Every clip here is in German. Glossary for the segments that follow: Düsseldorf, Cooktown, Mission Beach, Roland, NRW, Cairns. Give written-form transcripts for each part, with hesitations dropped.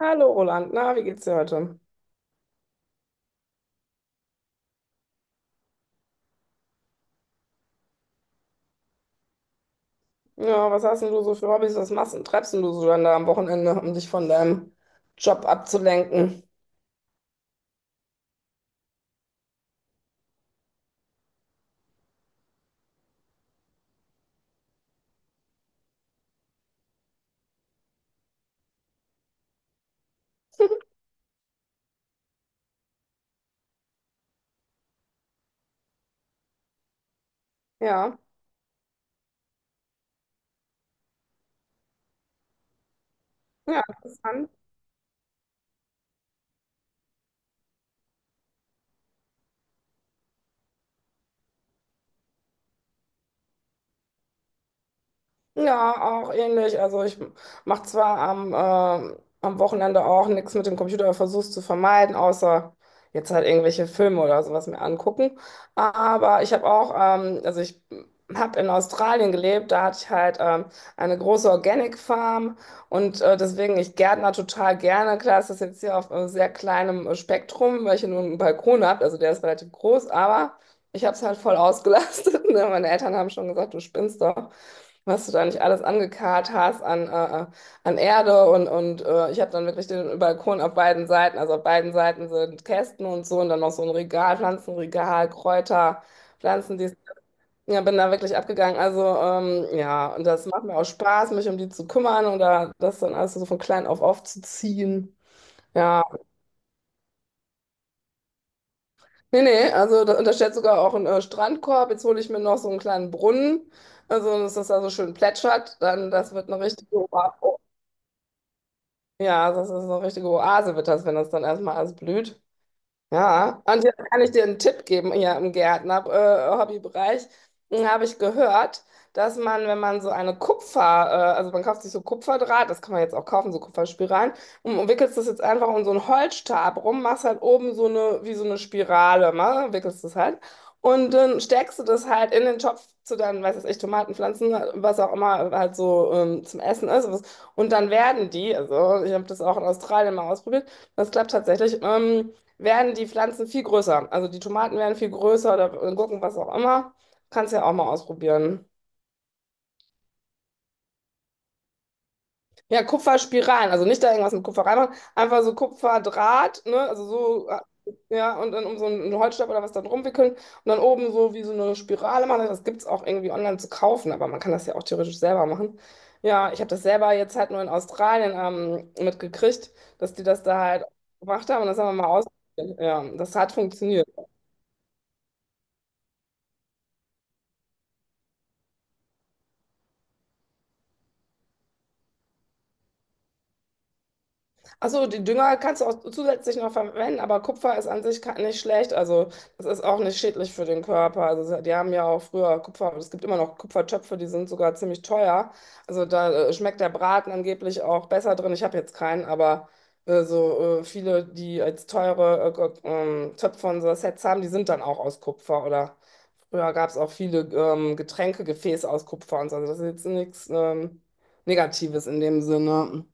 Hallo Roland, na, wie geht's dir heute? Ja, was hast denn du so für Hobbys? Was machst und treibst denn du so dann da am Wochenende, um dich von deinem Job abzulenken? Ja, ja, interessant. Ja, auch ähnlich. Also ich mache zwar am, am Wochenende auch nichts mit dem Computer, aber versuch's zu vermeiden, außer jetzt halt irgendwelche Filme oder sowas mir angucken. Aber ich habe auch, also ich habe in Australien gelebt, da hatte ich halt eine große Organic Farm und deswegen, ich gärtner total gerne. Klar ist das jetzt hier auf sehr kleinem Spektrum, weil ich hier nur einen Balkon habe, also der ist relativ groß, aber ich habe es halt voll ausgelastet. Ne? Meine Eltern haben schon gesagt, du spinnst doch, was du da nicht alles angekarrt hast an, an Erde und ich habe dann wirklich den Balkon auf beiden Seiten, also auf beiden Seiten sind Kästen und so und dann noch so ein Regal, Pflanzenregal, Kräuter, Pflanzen, bin da wirklich abgegangen. Also ja, und das macht mir auch Spaß, mich um die zu kümmern oder das dann alles so von klein auf aufzuziehen. Ja, nee, nee, also da, und da steht sogar auch ein Strandkorb. Jetzt hole ich mir noch so einen kleinen Brunnen, also dass das da so schön plätschert. Dann, das wird eine richtige Oa-. Ja, das ist eine richtige Oase, wird das, wenn das dann erstmal alles blüht. Ja, und jetzt kann ich dir einen Tipp geben hier im Gärtner-, Hobbybereich. Hm, habe ich gehört, dass man, wenn man so eine Kupfer-, also man kauft sich so Kupferdraht, das kann man jetzt auch kaufen, so Kupferspiralen, und wickelst das jetzt einfach um so einen Holzstab rum, machst halt oben so eine, wie so eine Spirale, ne? Wickelst das halt. Und dann steckst du das halt in den Topf zu deinen, weiß ich, Tomatenpflanzen, was auch immer halt so zum Essen ist. Und dann werden die, also ich habe das auch in Australien mal ausprobiert, das klappt tatsächlich. Werden die Pflanzen viel größer. Also die Tomaten werden viel größer oder Gurken, was auch immer. Kannst ja auch mal ausprobieren. Ja, Kupferspiralen, also nicht da irgendwas mit Kupfer reinmachen, einfach so Kupferdraht, ne? Also so, ja, und dann um so einen Holzstab oder was da drum wickeln und dann oben so wie so eine Spirale machen. Das gibt es auch irgendwie online zu kaufen, aber man kann das ja auch theoretisch selber machen. Ja, ich habe das selber jetzt halt nur in Australien mitgekriegt, dass die das da halt gemacht haben und das haben wir mal ausprobiert. Ja, das hat funktioniert. Achso, die Dünger kannst du auch zusätzlich noch verwenden, aber Kupfer ist an sich ka-, nicht schlecht. Also, das ist auch nicht schädlich für den Körper. Also, die haben ja auch früher Kupfer, es gibt immer noch Kupfertöpfe, die sind sogar ziemlich teuer. Also, da schmeckt der Braten angeblich auch besser drin. Ich habe jetzt keinen, aber so viele, die als teure äh, äh, Töpfe und so Sets haben, die sind dann auch aus Kupfer. Oder früher gab es auch viele Getränkegefäße aus Kupfer und so. Also, das ist jetzt nichts Negatives in dem Sinne.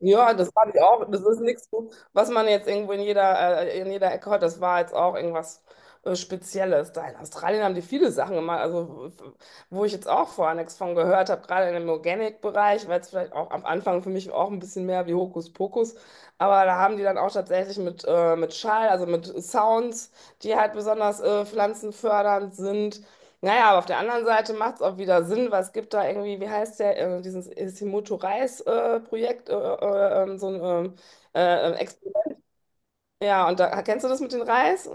Ja, das fand ich auch. Das ist nichts, was man jetzt irgendwo in jeder Ecke hört. Das war jetzt auch irgendwas Spezielles. Da in Australien haben die viele Sachen gemacht, also wo ich jetzt auch vorher nichts von gehört habe, gerade in dem Organic-Bereich, weil es vielleicht auch am Anfang für mich auch ein bisschen mehr wie Hokuspokus. Aber da haben die dann auch tatsächlich mit Schall, also mit Sounds, die halt besonders pflanzenfördernd sind. Naja, aber auf der anderen Seite macht es auch wieder Sinn, was gibt da irgendwie, wie heißt der, dieses Himoto-Reis-Projekt, Projekt, so ein äh, äh, ja, und da kennst du das mit dem Reis?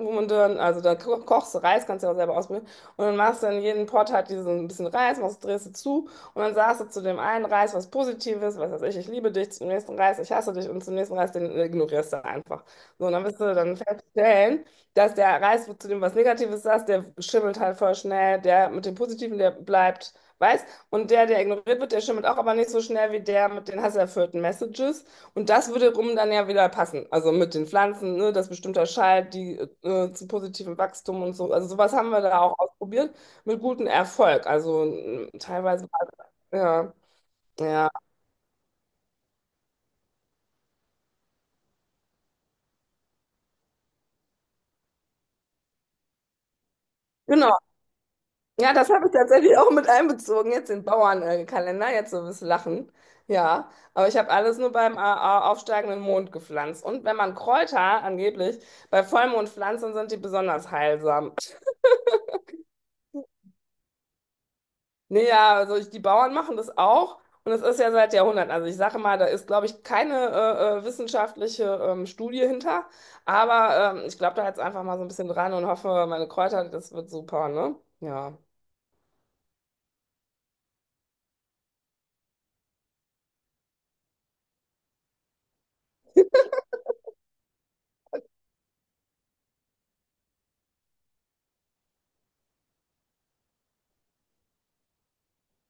Wo man dann, also da ko kochst du Reis, kannst du ja auch selber ausprobieren. Und dann machst du in jeden Pot halt diesen ein bisschen Reis, machst, drehst du zu und dann sagst du zu dem einen Reis was Positives, was weiß ich, ich liebe dich, zum nächsten Reis, ich hasse dich und zum nächsten Reis, den ignorierst du einfach. So, und dann wirst du dann feststellen, dass der Reis, wo zu dem was Negatives sagst, der schimmelt halt voll schnell, der mit dem Positiven, der bleibt weiß und der, der ignoriert wird, der schimmelt auch, aber nicht so schnell wie der mit den hasserfüllten Messages. Und das würde rum dann ja wieder passen. Also mit den Pflanzen, ne, dass bestimmter Schalt, die zu positivem Wachstum und so. Also sowas haben wir da auch ausprobiert mit gutem Erfolg. Also teilweise, ja, ja, genau. Ja, das habe ich tatsächlich auch mit einbezogen, jetzt den Bauernkalender, jetzt so ein bisschen lachen. Ja, aber ich habe alles nur beim aufsteigenden Mond gepflanzt. Und wenn man Kräuter angeblich bei Vollmond pflanzt, dann sind die besonders heilsam. Nee, ja, also ich, die Bauern machen das auch und es ist ja seit Jahrhunderten. Also ich sage mal, da ist, glaube ich, keine wissenschaftliche Studie hinter, aber ich glaube da jetzt einfach mal so ein bisschen dran und hoffe, meine Kräuter, das wird super, ne? Ja.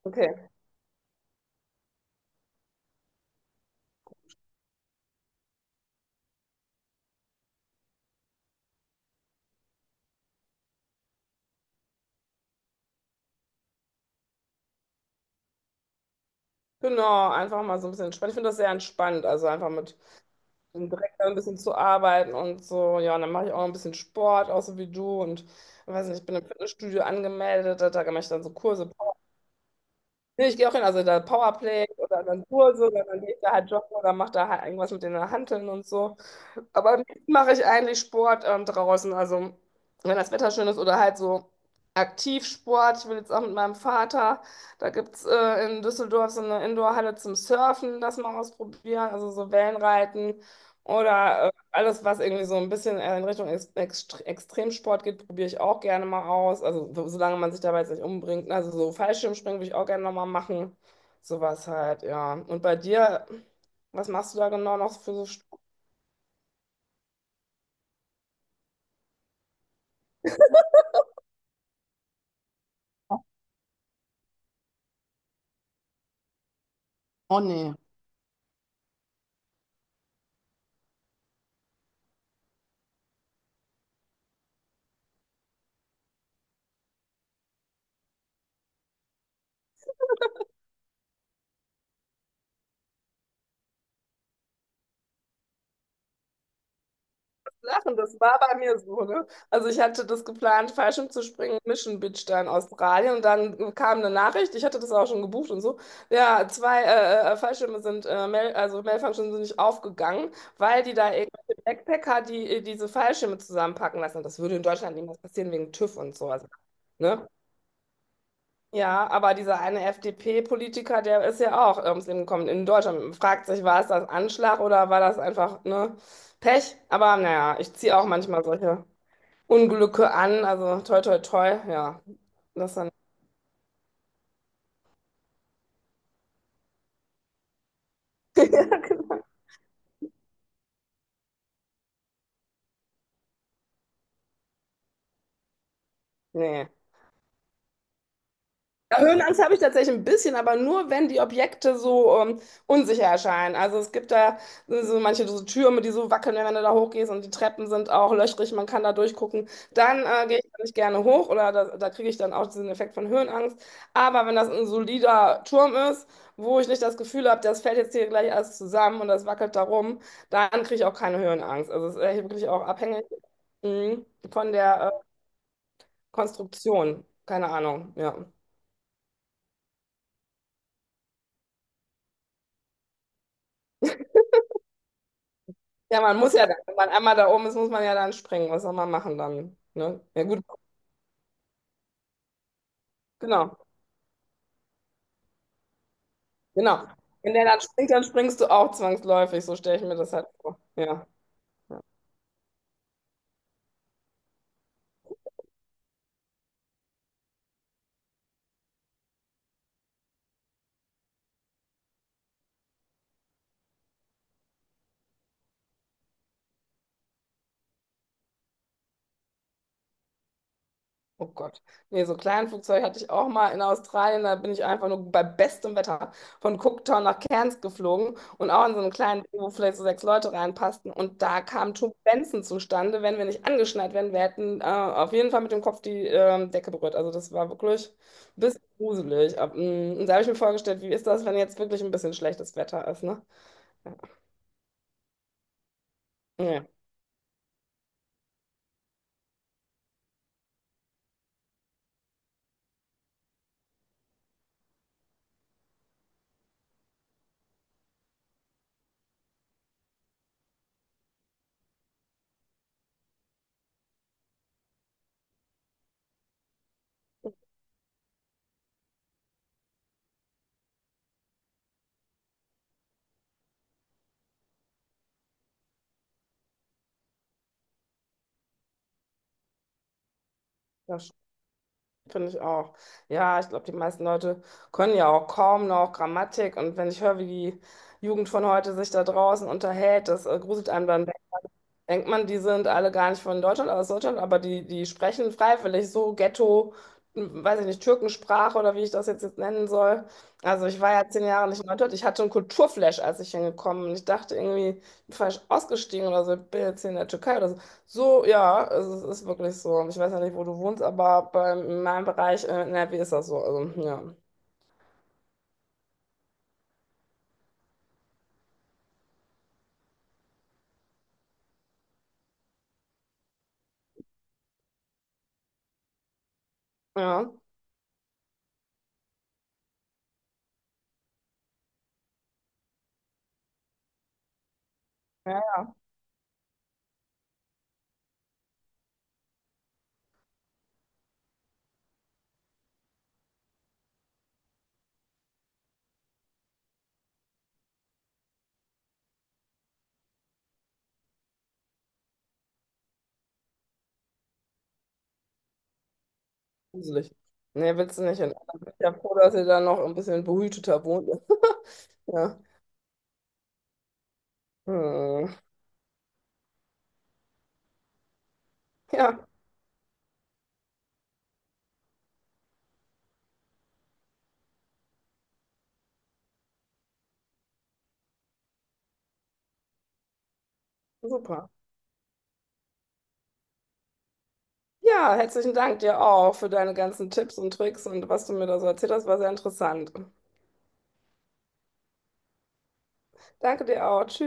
Okay. Genau, einfach mal so ein bisschen entspannt. Ich finde das sehr entspannt, also einfach mit dem Dreck da ein bisschen zu arbeiten und so. Ja, und dann mache ich auch ein bisschen Sport, auch so wie du und ich weiß nicht, ich bin im Fitnessstudio angemeldet, da mache ich dann so Kurse. Nee, ich gehe auch hin, also da Powerplay oder dann Kurse oder dann geht da halt joggen oder macht da halt irgendwas mit den Hanteln und so. Aber am liebsten mache ich eigentlich Sport draußen. Also, wenn das Wetter schön ist oder halt so Aktivsport. Ich will jetzt auch mit meinem Vater. Da gibt es in Düsseldorf so eine Indoorhalle zum Surfen, das mal ausprobieren. Also, so Wellenreiten oder alles, was irgendwie so ein bisschen in Richtung Extremsport geht, probiere ich auch gerne mal aus. Also, so, solange man sich dabei jetzt nicht umbringt. Also, so Fallschirmspringen würde ich auch gerne nochmal machen. Sowas halt, ja. Und bei dir, was machst du da genau noch für so lachen, das war bei mir so, ne? Also ich hatte das geplant, Fallschirm zu springen, Mission Beach da in Australien und dann kam eine Nachricht, ich hatte das auch schon gebucht und so, ja, zwei Fallschirme sind, Mail, also Mailfunctions sind nicht aufgegangen, weil die da irgendwelche Backpacker, die diese Fallschirme zusammenpacken lassen. Das würde in Deutschland niemals passieren wegen TÜV und so, also, ne? Ja, aber dieser eine FDP-Politiker, der ist ja auch ums Leben gekommen in Deutschland. Man fragt sich, war es das Anschlag oder war das einfach, ne, Pech? Aber naja, ich ziehe auch manchmal solche Unglücke an. Also toi, toi, toi, ja. Das dann. Nee. Ja, Höhenangst habe ich tatsächlich ein bisschen, aber nur wenn die Objekte so unsicher erscheinen. Also es gibt da so manche so Türme, die so wackeln, wenn du da hochgehst und die Treppen sind auch löchrig, man kann da durchgucken. Dann gehe ich da nicht gerne hoch oder da kriege ich dann auch diesen Effekt von Höhenangst. Aber wenn das ein solider Turm ist, wo ich nicht das Gefühl habe, das fällt jetzt hier gleich alles zusammen und das wackelt da rum, dann kriege ich auch keine Höhenangst. Also es ist echt wirklich auch abhängig mh, von der Konstruktion. Keine Ahnung, ja. Ja, man muss ja, dann, wenn man einmal da oben ist, muss man ja dann springen. Was soll man machen dann? Ne? Ja, gut, genau, genau. Wenn der dann springt, dann springst du auch zwangsläufig. So stelle ich mir das halt vor. Ja. Oh Gott. Nee, so ein Kleinflugzeug hatte ich auch mal in Australien. Da bin ich einfach nur bei bestem Wetter von Cooktown nach Cairns geflogen und auch in so einem kleinen Boot, wo vielleicht so sechs Leute reinpassten. Und da kamen Turbulenzen zustande. Wenn wir nicht angeschnallt wären, wir hätten auf jeden Fall mit dem Kopf die Decke berührt. Also das war wirklich ein bisschen gruselig. Und da habe ich mir vorgestellt, wie ist das, wenn jetzt wirklich ein bisschen schlechtes Wetter ist, ne? Ja, ja, das finde ich auch. Ja, ich glaube, die meisten Leute können ja auch kaum noch Grammatik. Und wenn ich höre, wie die Jugend von heute sich da draußen unterhält, das gruselt einem dann denkt man, die sind alle gar nicht von Deutschland, aus Deutschland, aber die sprechen freiwillig so Ghetto, weiß ich nicht, Türkensprache oder wie ich das jetzt nennen soll. Also ich war ja 10 Jahre nicht in Deutschland. Ich hatte einen Kulturflash, als ich hingekommen bin. Ich dachte irgendwie, ich bin falsch ausgestiegen oder so, ich bin jetzt hier in der Türkei oder so. So, ja, also es ist wirklich so. Ich weiß ja nicht, wo du wohnst, aber in meinem Bereich in NRW ist das so. Also, ja. Ja. Ja, ja, gruselig. Nee, willst du nicht hin. Ich bin ja froh, dass ihr da noch ein bisschen behüteter wohnt. Ja. Hm. Ja, super. Ja, herzlichen Dank dir auch für deine ganzen Tipps und Tricks und was du mir da so erzählt hast, war sehr interessant. Danke dir auch.